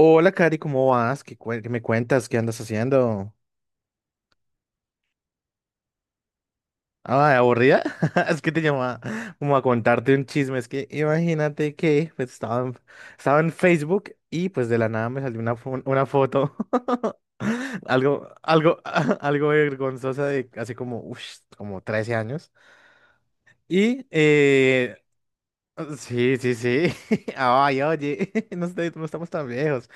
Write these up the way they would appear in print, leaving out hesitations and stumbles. Hola, Cari, ¿cómo vas? ¿Qué me cuentas? ¿Qué andas haciendo? Ah, ¿aburrida? Es que te llamaba como a contarte un chisme. Es que imagínate que estaba en Facebook y pues de la nada me salió una foto. Algo, algo, algo vergonzosa de hace como, ush, como 13 años. Y eh, sí. Ay, oye, no estamos tan viejos.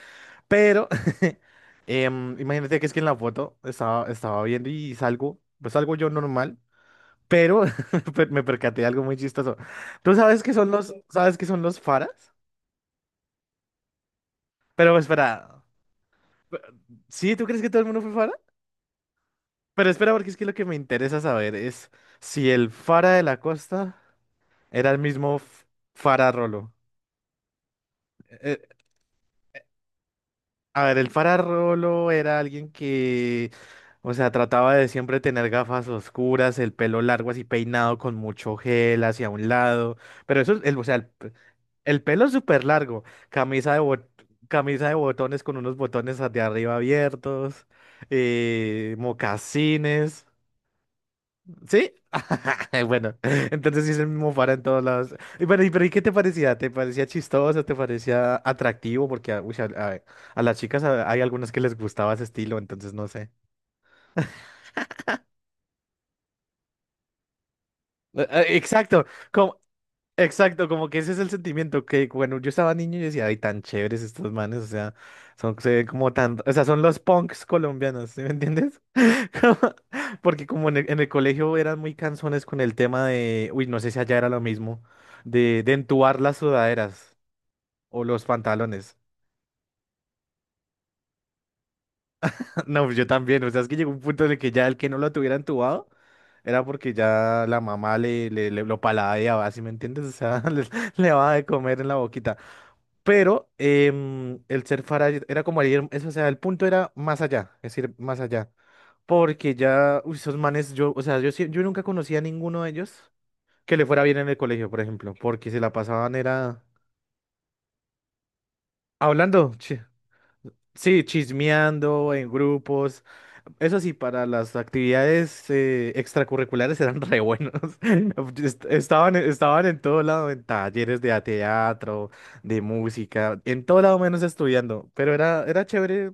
Pero imagínate que es que en la foto estaba viendo y salgo, pues salgo yo normal, pero me percaté de algo muy chistoso. ¿Tú sabes qué son los, Sabes qué son los faras? Pero espera, pe- ¿sí? ¿Tú crees que todo el mundo fue fara? Pero espera, porque es que lo que me interesa saber es si el fara de la costa era el fara Rolo. A ver, el fararolo era alguien que, o sea, trataba de siempre tener gafas oscuras, el pelo largo así peinado con mucho gel hacia un lado, pero eso, el, o sea, el, pe- el pelo súper largo, camisa de, bot- camisa de botones con unos botones de arriba abiertos, mocasines. ¿Sí? Bueno, entonces sí es el mismo fara en todos lados. Y bueno, ¿y qué te parecía? ¿Te parecía chistoso? ¿Te parecía atractivo? Porque ah, uy, a las chicas hay algunas que les gustaba ese estilo, entonces no sé. Exacto. como- Exacto, como que ese es el sentimiento que bueno yo estaba niño y yo decía, ay, tan chéveres estos manes, o sea, son se ven como tan, o sea, son los punks colombianos, ¿sí me entiendes? Como... Porque como en el colegio eran muy cansones con el tema de, uy, no sé si allá era lo mismo, de entubar las sudaderas o los pantalones. No, pues yo también, o sea, es que llegó un punto en el que ya el que no lo tuviera entubado era porque ya la mamá lo paladeaba, ¿sí me entiendes? O sea, le daba de comer en la boquita. Pero el ser Faraday era como ir, eso, o sea, el punto era más allá, es decir, más allá. Porque ya, uy, esos manes, yo, o sea, yo nunca conocía a ninguno de ellos que le fuera bien en el colegio, por ejemplo, porque se la pasaban era hablando. Sí. Sí, chismeando en grupos. Eso sí, para las actividades extracurriculares eran re buenos. Estaban, estaban en todo lado, en teatro, de música, en todo lado menos estudiando. Pero era, era chévere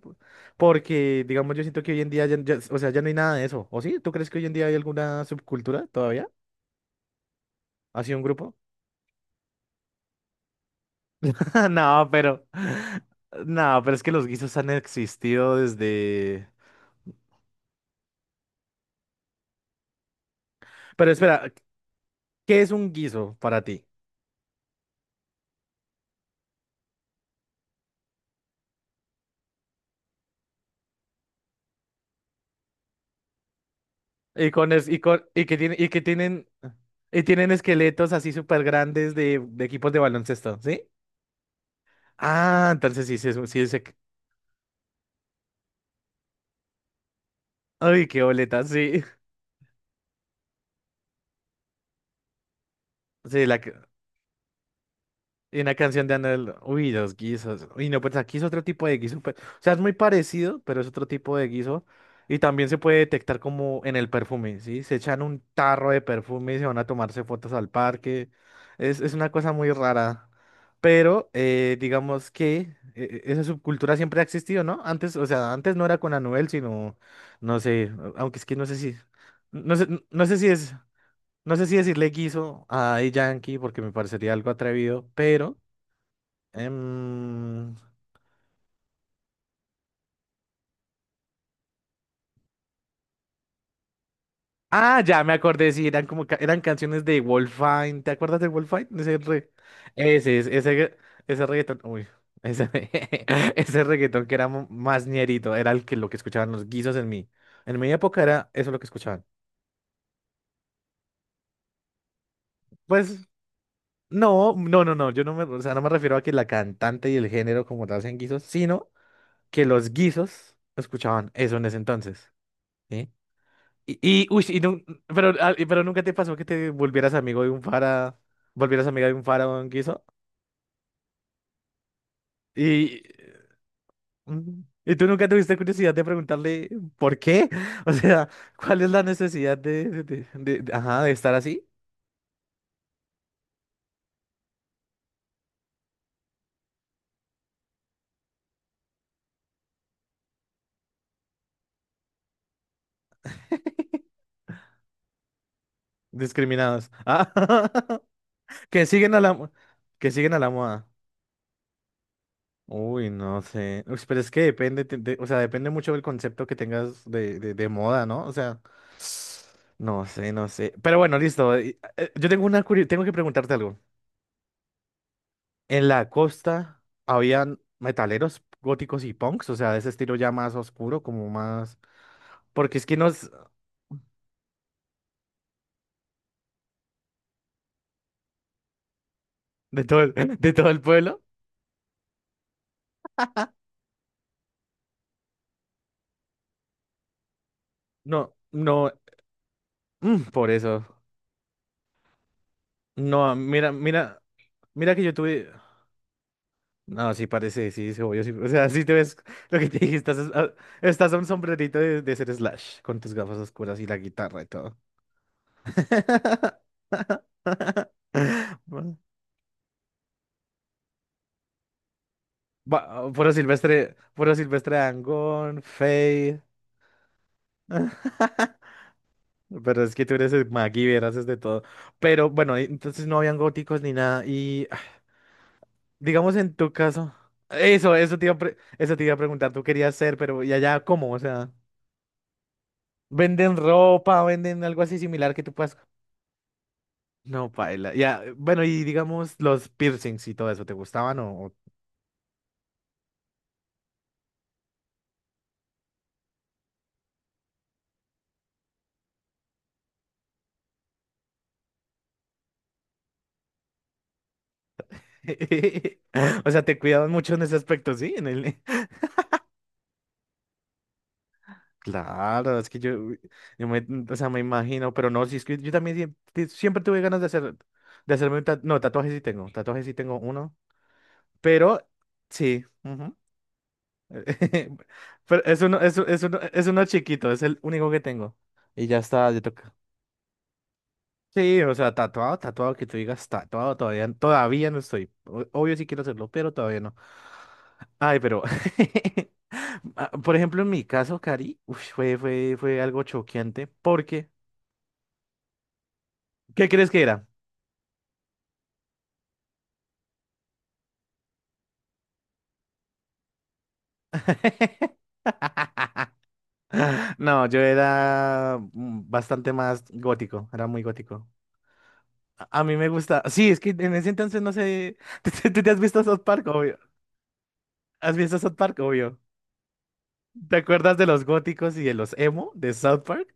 porque, digamos, yo siento que hoy en día, o sea, ya no hay nada de eso. ¿O sí? ¿Tú crees que hoy en día hay alguna subcultura todavía? ¿Así un grupo? No, pero... No, pero es que los guisos han existido desde... Pero espera, ¿qué es un guiso para ti? Y con es- y con- y que tiene, Y que tienen y tienen esqueletos así súper grandes de equipos de baloncesto, ¿sí? Ah, entonces sí, sí, es... Ay, qué boleta, sí. Sí, la, y una canción de Anuel, uy, los guisos. Uy, no, pues aquí es otro tipo de guiso, pues, o sea, es muy parecido, pero es otro tipo de guiso. Y también se puede detectar como en el perfume, ¿sí? Se echan un tarro de perfume y se van a tomarse fotos al parque. Es una cosa muy rara. Pero digamos que esa subcultura siempre ha existido, ¿no? Antes, o sea, antes no era con Anuel, sino, no sé, aunque es que no sé si, no sé, no sé si es, no sé si decirle guiso a Daddy Yankee porque me parecería algo atrevido, pero... Em, Ah, ya me acordé, sí, eran eran canciones de Wolfine. ¿Te acuerdas de Wolfine? Ese, es- ese, re- Ese reggaetón. Uy, ese, ese reggaetón que era más ñerito, era el que lo que escuchaban los guisos en mi... En mi época era eso lo que escuchaban. Pues no, no, no, no. Yo no me, o sea, no me refiero a que la cantante y el género como tal sean guisos, sino que los guisos escuchaban eso en ese entonces. ¿Sí? Y, y, uy, y nun- pero, ah, pero nunca te pasó que te volvieras amigo de un fara, volvieras amiga de un fara o un guiso. Y, mm, y tú nunca tuviste curiosidad de preguntarle por qué. O sea, ¿cuál es la necesidad de, ajá, de estar así? Discriminados. Ah, que siguen a la, mo- que siguen a la moda. Uy, no sé. Uy, pero es que depende, o sea, depende mucho del concepto que tengas de moda, ¿no? O sea, no sé, no sé. Pero bueno, listo. Yo tengo una tengo que preguntarte algo. En la costa habían metaleros góticos y punks, o sea, de ese estilo ya más oscuro, como más. Porque es que nos... De todo el, de todo el pueblo. No, no, mm, por eso. No, mira, mira, mira que yo tuve. No, sí parece, sí, sí, obvio, sí. O sea, sí te ves lo que te dije, estás a un sombrerito de ser Slash, con tus gafas oscuras y la guitarra y todo. Bueno, puro Silvestre, puro Silvestre Dangond, Faye. Pero es que tú eres el MacGyver, haces de todo. Pero bueno, entonces no habían góticos ni nada. Y ah, digamos en tu caso, eso te iba a, pre- eso te iba a preguntar, tú querías ser, pero ¿y allá cómo? O sea. Venden ropa, venden algo así similar que tú puedas. No, paila. Ya, bueno, y digamos los piercings y todo eso, ¿te gustaban o...? O... O sea, te cuidaban mucho en ese aspecto, sí, en el... Claro, es que yo me, o sea, me imagino, pero no, si es que yo también siempre tuve ganas de hacer, de hacerme un tatuaje, no, tatuajes sí tengo uno, pero sí, ujú. Pero es uno, es, es uno chiquito, es el único que tengo. Y ya está, ya toca. Sí, o sea, tatuado, tatuado, que tú digas tatuado, todavía, todavía no estoy. O... Obvio sí quiero hacerlo, pero todavía no. Ay, pero, ah, por ejemplo, en mi caso, Cari, uy, fue algo choqueante porque, ¿qué crees que era? No, yo era mm, bastante más gótico, era muy gótico. A mí me gusta, sí, es que en ese entonces no sé, ¿ tú te has visto South Park, obvio? ¿Has visto South Park, obvio? ¿Te acuerdas de los góticos y de los emo de South Park?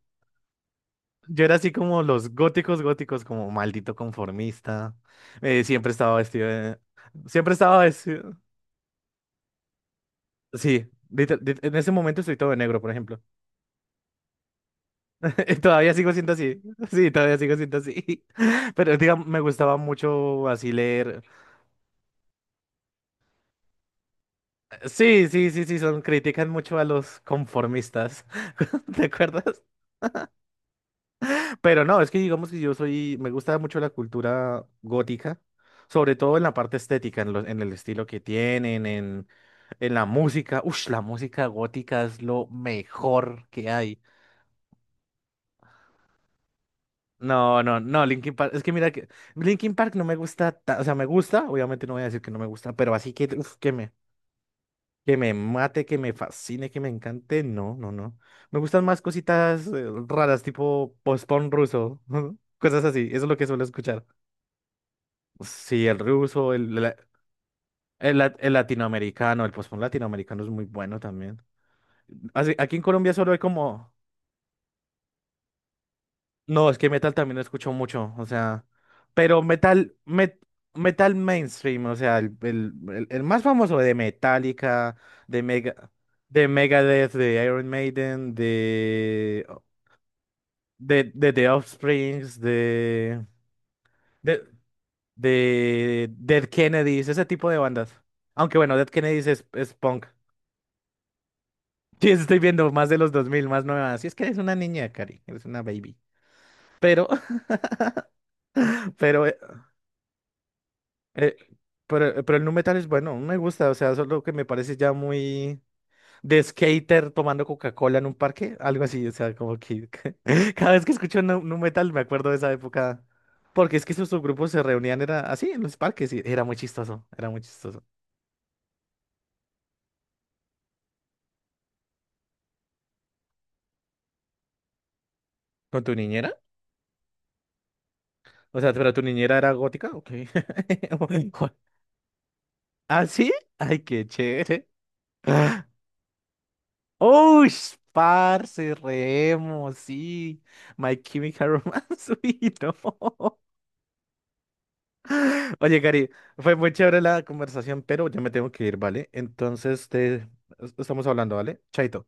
Yo era así como los góticos góticos, como maldito conformista. Siempre estaba vestido de... Siempre estaba vestido... Sí, en ese momento estoy todo de negro, por ejemplo. Todavía sigo siendo así. Sí, todavía sigo siendo así. Pero digamos, me gustaba mucho así leer. Sí, sí, sí, sí, son critican mucho a los conformistas. ¿Te acuerdas? Pero no, es que digamos que yo soy, me gusta mucho la cultura gótica, sobre todo en la parte estética, en el estilo que tienen, en la música. Ush, la música gótica es lo mejor que hay. No, no, no, Linkin Park, es que mira que Linkin Park no me gusta, o sea, me gusta, obviamente no voy a decir que no me gusta, pero así que, uf, que me mate, que me fascine, que me encante, no, no, no. Me gustan más cositas raras, tipo post-punk ruso, cosas así, eso es lo que suelo escuchar. Sí, el ruso, el latinoamericano, el post latinoamericano es muy bueno también. Así... aquí en Colombia solo hay como... No, es que metal también lo escucho mucho, o sea, pero metal mainstream, o sea, el más famoso de Metallica, de Mega, de Megadeth, de Iron Maiden, de The Offsprings, de, de Dead Kennedys, ese tipo de bandas. Aunque bueno, Dead Kennedys es punk. Sí, estoy viendo más de los 2000, más nuevas. Sí, es que eres una niña, Cari, eres una baby. Pero, pero, eh, eh, pero el nu metal es bueno, me gusta, o sea, solo que me parece ya muy de skater tomando Coca-Cola en un parque, algo así, o sea, como que cada vez que escucho nu metal me acuerdo de esa época, porque es que esos subgrupos se reunían, era así, en los parques, y era muy chistoso, era muy chistoso. ¿Con tu niñera? O sea, pero tu niñera era gótica, ok. Ah, sí, ay, qué chévere. Uy, parce, Remo, sí. My Chemical Romance, uy, no. Oye, Cari, fue muy chévere la conversación, pero ya me tengo que ir, ¿vale? Entonces, te... estamos hablando, ¿vale? Chaito.